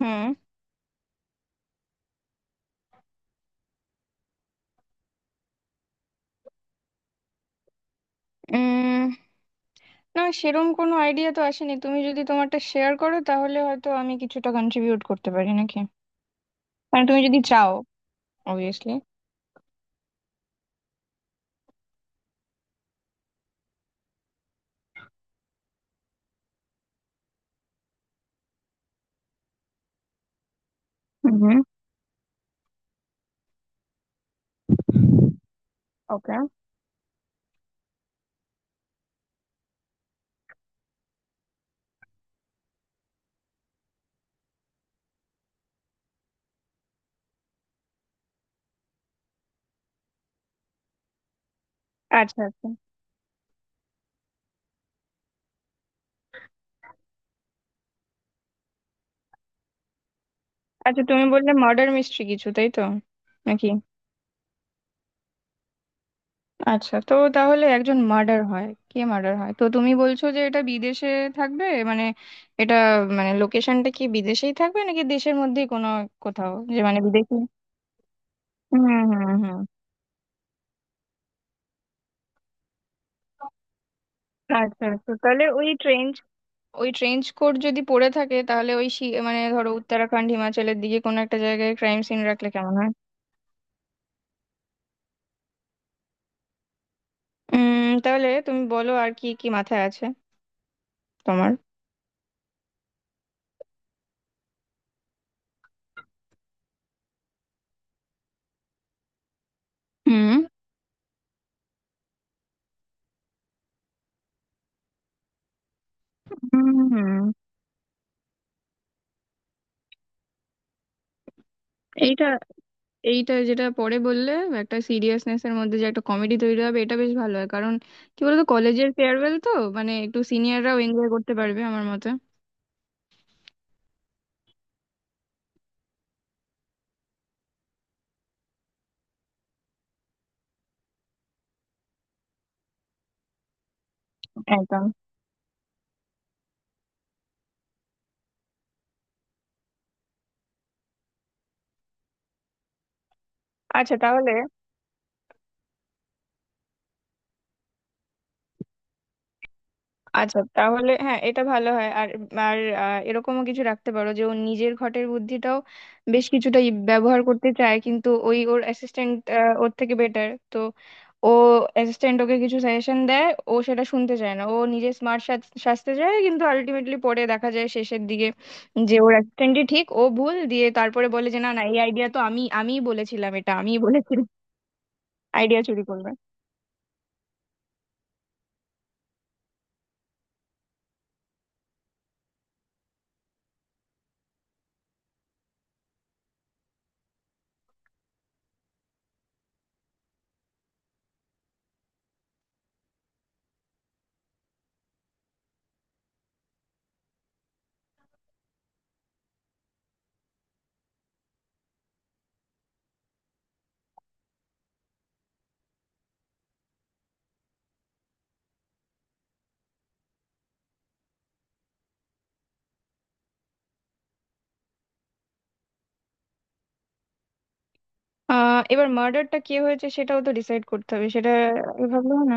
হুম। উম, না সেরম কোনো আইডিয়া তো আসেনি। তুমি যদি তোমারটা শেয়ার করো তাহলে হয়তো আমি কিছুটা কন্ট্রিবিউট করতে পারি নাকি। মানে তুমি যদি চাও, অবভিয়াসলি। হুম। ওকে। আচ্ছা আচ্ছা। আচ্ছা, তুমি বললে মার্ডার মিস্ট্রি, কিছু তাই তো? নাকি? আচ্ছা, তো তাহলে একজন মার্ডার হয়, কে মার্ডার হয়? তো তুমি বলছো যে এটা বিদেশে থাকবে, মানে এটা, মানে লোকেশনটা কি বিদেশেই থাকবে নাকি দেশের মধ্যেই কোনো কোথাও? যে মানে বিদেশি। হুম হুম হুম। আচ্ছা, তো তাহলে ওই ট্রেন, ওই ট্রেঞ্চ কোট যদি পরে থাকে, তাহলে ওই মানে ধরো উত্তরাখণ্ড হিমাচলের দিকে কোনো একটা জায়গায় ক্রাইম সিন রাখলে কেমন হয়? তাহলে তুমি বলো আর কি কি মাথায় আছে তোমার। হুম হুম হুম। এইটা, এইটা যেটা পরে বললে, একটা সিরিয়াসনেস এর মধ্যে যে একটা কমেডি তৈরি হবে, এটা বেশ ভালো হয়। কারণ কি বলতো, কলেজের ফেয়ারওয়েল তো, মানে একটু সিনিয়ররাও এনজয় করতে পারবে আমার মতে। একদম। আচ্ছা তাহলে। আচ্ছা তাহলে হ্যাঁ, এটা ভালো হয়। আর, আর এরকমও কিছু রাখতে পারো যে ও নিজের ঘটের বুদ্ধিটাও বেশ কিছুটা ব্যবহার করতে চায়, কিন্তু ওই ওর অ্যাসিস্ট্যান্ট ওর থেকে বেটার তো। ও, অ্যাসিস্ট্যান্ট ওকে কিছু সাজেশন দেয়, ও সেটা শুনতে চায় না। ও নিজে স্মার্ট সাজতে চায়, কিন্তু আলটিমেটলি পরে দেখা যায় শেষের দিকে যে ওর অ্যাসিস্ট্যান্টই ঠিক, ও ভুল। দিয়ে তারপরে বলে যে না না, এই আইডিয়া তো আমিই বলেছিলাম, এটা আমিই বলেছিলাম। আইডিয়া চুরি করবে। আহ এবার মার্ডারটা কে হয়েছে সেটাও তো ডিসাইড করতে হবে, সেটা এভাবে হয় না।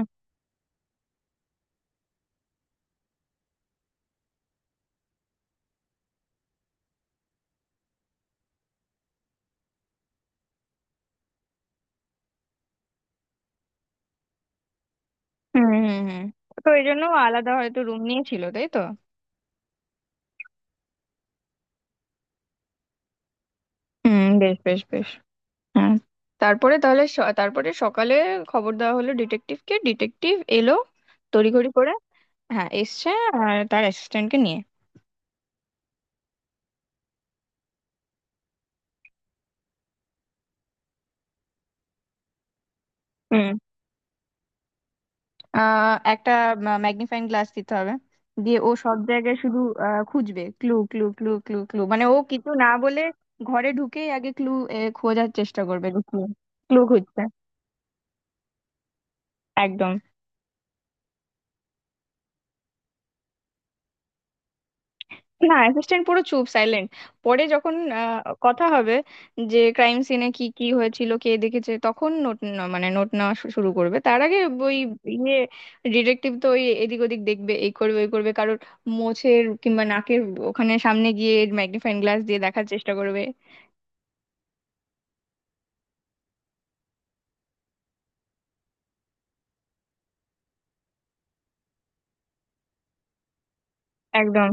হুম হুম হুম, তো এই জন্য ও আলাদা হয়তো রুম নিয়েছিল, তাই তো? হুম, বেশ বেশ বেশ। হ্যাঁ, তারপরে তাহলে তারপরে সকালে খবর দেওয়া হলো ডিটেকটিভকে, ডিটেকটিভ এলো তড়িঘড়ি করে। হ্যাঁ এসছে, আর তার অ্যাসিস্ট্যান্টকে নিয়ে। হুম। একটা ম্যাগনিফাইং গ্লাস দিতে হবে, দিয়ে ও সব জায়গায় শুধু খুঁজবে clue clue clue clue clue. মানে ও কিছু না বলে ঘরে ঢুকেই আগে ক্লু খোঁজার চেষ্টা করবে, যে ক্লু, ক্লু খুঁজছে। একদম। না, অ্যাসিস্ট্যান্ট পুরো চুপ, সাইলেন্ট। পরে যখন কথা হবে যে ক্রাইম সিনে কি কি হয়েছিল, কে দেখেছে, তখন নোট, মানে নোট নেওয়া শুরু করবে। তার আগে ওই ইয়ে, ডিটেকটিভ তো ওই এদিক ওদিক দেখবে, এই করবে ওই করবে, কারোর মোছের কিংবা নাকের ওখানে সামনে গিয়ে ম্যাগনিফাইং গ্লাস দিয়ে দেখার চেষ্টা করবে। একদম।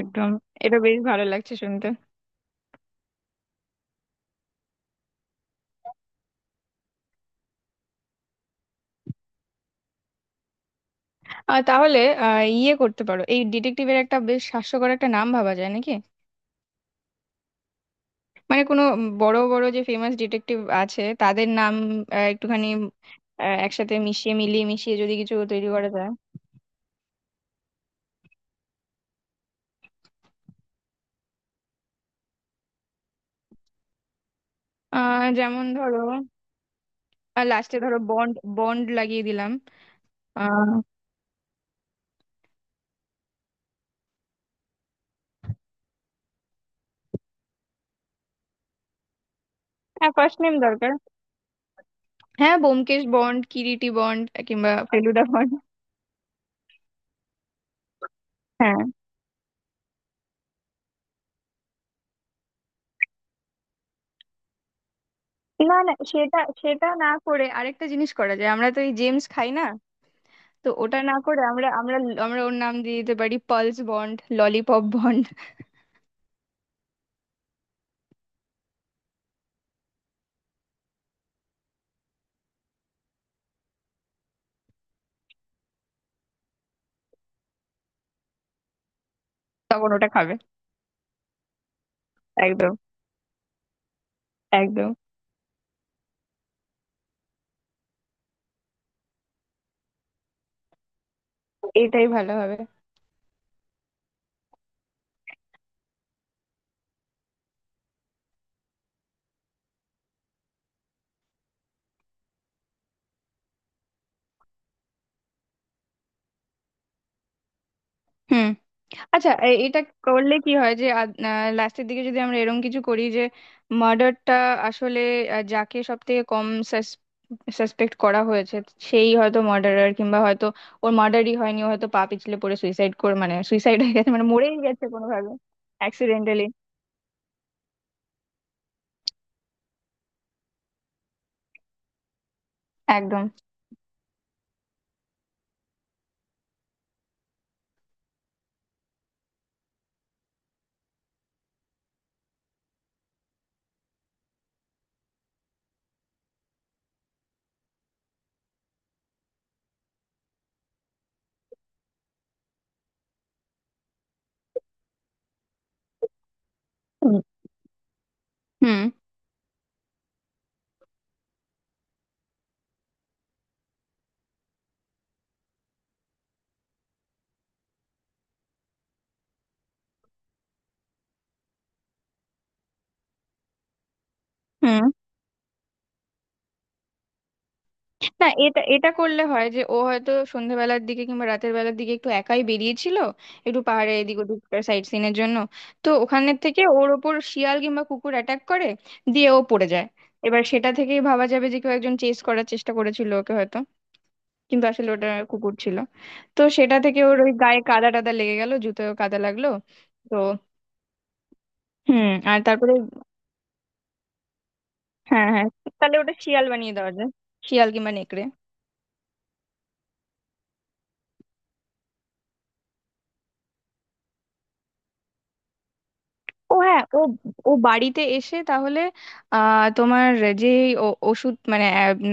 একদম, এটা বেশ ভালো লাগছে শুনতে। তাহলে ইয়ে করতে পারো, এই ডিটেকটিভের একটা বেশ হাস্যকর একটা নাম ভাবা যায় নাকি? মানে কোনো বড় বড় যে ফেমাস ডিটেকটিভ আছে তাদের নাম একটুখানি একসাথে মিশিয়ে মিলিয়ে মিশিয়ে যদি কিছু তৈরি করা যায়। যেমন ধরো, লাস্টে ধরো বন্ড, বন্ড লাগিয়ে দিলাম। আহ, হ্যাঁ, ফার্স্ট নেম দরকার। হ্যাঁ, ব্যোমকেশ বন্ড, কিরিটি বন্ড, কিংবা ফেলুদা বন্ড। হ্যাঁ। না না, সেটা সেটা না করে আরেকটা জিনিস করা যায়। আমরা তো এই জেমস খাই না, তো ওটা না করে আমরা আমরা আমরা ওর নাম দিয়ে দিতে পারি পালস বন্ড, ললিপপ বন্ড। তখন ওটা খাবে। একদম। একদম, এটাই ভালো হবে। হুম। আচ্ছা, এটা করলে কি হয় যে লাস্টের দিকে যদি আমরা এরকম কিছু করি যে মার্ডারটা আসলে যাকে সব থেকে কম সাসপেক্ট করা হয়েছে সেই হয়তো মার্ডারার, কিংবা হয়তো ওর মার্ডারই হয়নি, ও হয়তো পা পিছলে পড়ে সুইসাইড করে, মানে সুইসাইড হয়ে গেছে, মানে মরেই গেছে কোনোভাবে, অ্যাক্সিডেন্টালি। একদম। হুম হুম। না, এটা এটা করলে হয় যে ও হয়তো সন্ধ্যাবেলার দিকে কিংবা রাতের বেলার দিকে একটু একাই বেরিয়েছিল, একটু পাহাড়ে এদিক ওদিক, সাইট সিনের জন্য। তো ওখানের থেকে ওর ওপর শিয়াল কিংবা কুকুর অ্যাটাক করে, দিয়ে ও পড়ে যায়। এবার সেটা থেকেই ভাবা যাবে যে কেউ একজন চেস করার চেষ্টা করেছিল ওকে হয়তো, কিন্তু আসলে ওটা কুকুর ছিল। তো সেটা থেকে ওর ওই গায়ে কাদা টাদা লেগে গেল, জুতোয় কাদা লাগলো। তো হুম, আর তারপরে হ্যাঁ, হ্যাঁ, তাহলে ওটা শিয়াল বানিয়ে দেওয়া যায়, শিয়াল কিংবা নেকড়ে। ও হ্যাঁ, ও ও বাড়িতে এসে তাহলে আহ তোমার, যে ওষুধ মানে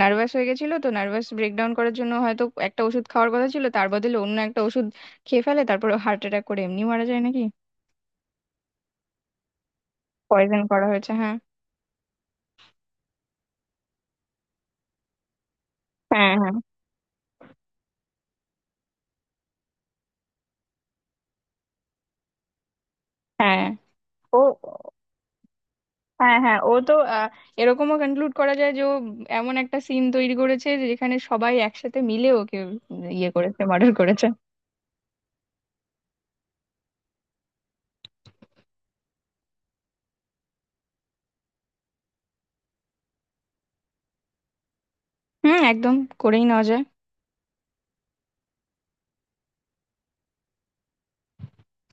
নার্ভাস হয়ে গেছিল, তো নার্ভাস ব্রেকডাউন করার জন্য হয়তো একটা ওষুধ খাওয়ার কথা ছিল, তার বদলে অন্য একটা ওষুধ খেয়ে ফেলে, তারপর হার্ট অ্যাটাক করে এমনি মারা যায় নাকি। পয়জন করা হয়েছে, হ্যাঁ হ্যাঁ হ্যাঁ। ও হ্যাঁ, হ্যাঁ ও তো এরকমও কনক্লুড করা যায় যে ও এমন একটা সিন তৈরি করেছে যে যেখানে সবাই একসাথে মিলে ওকে ইয়ে করেছে, মার্ডার করেছে। হুম, একদম, করেই নেওয়া যায়।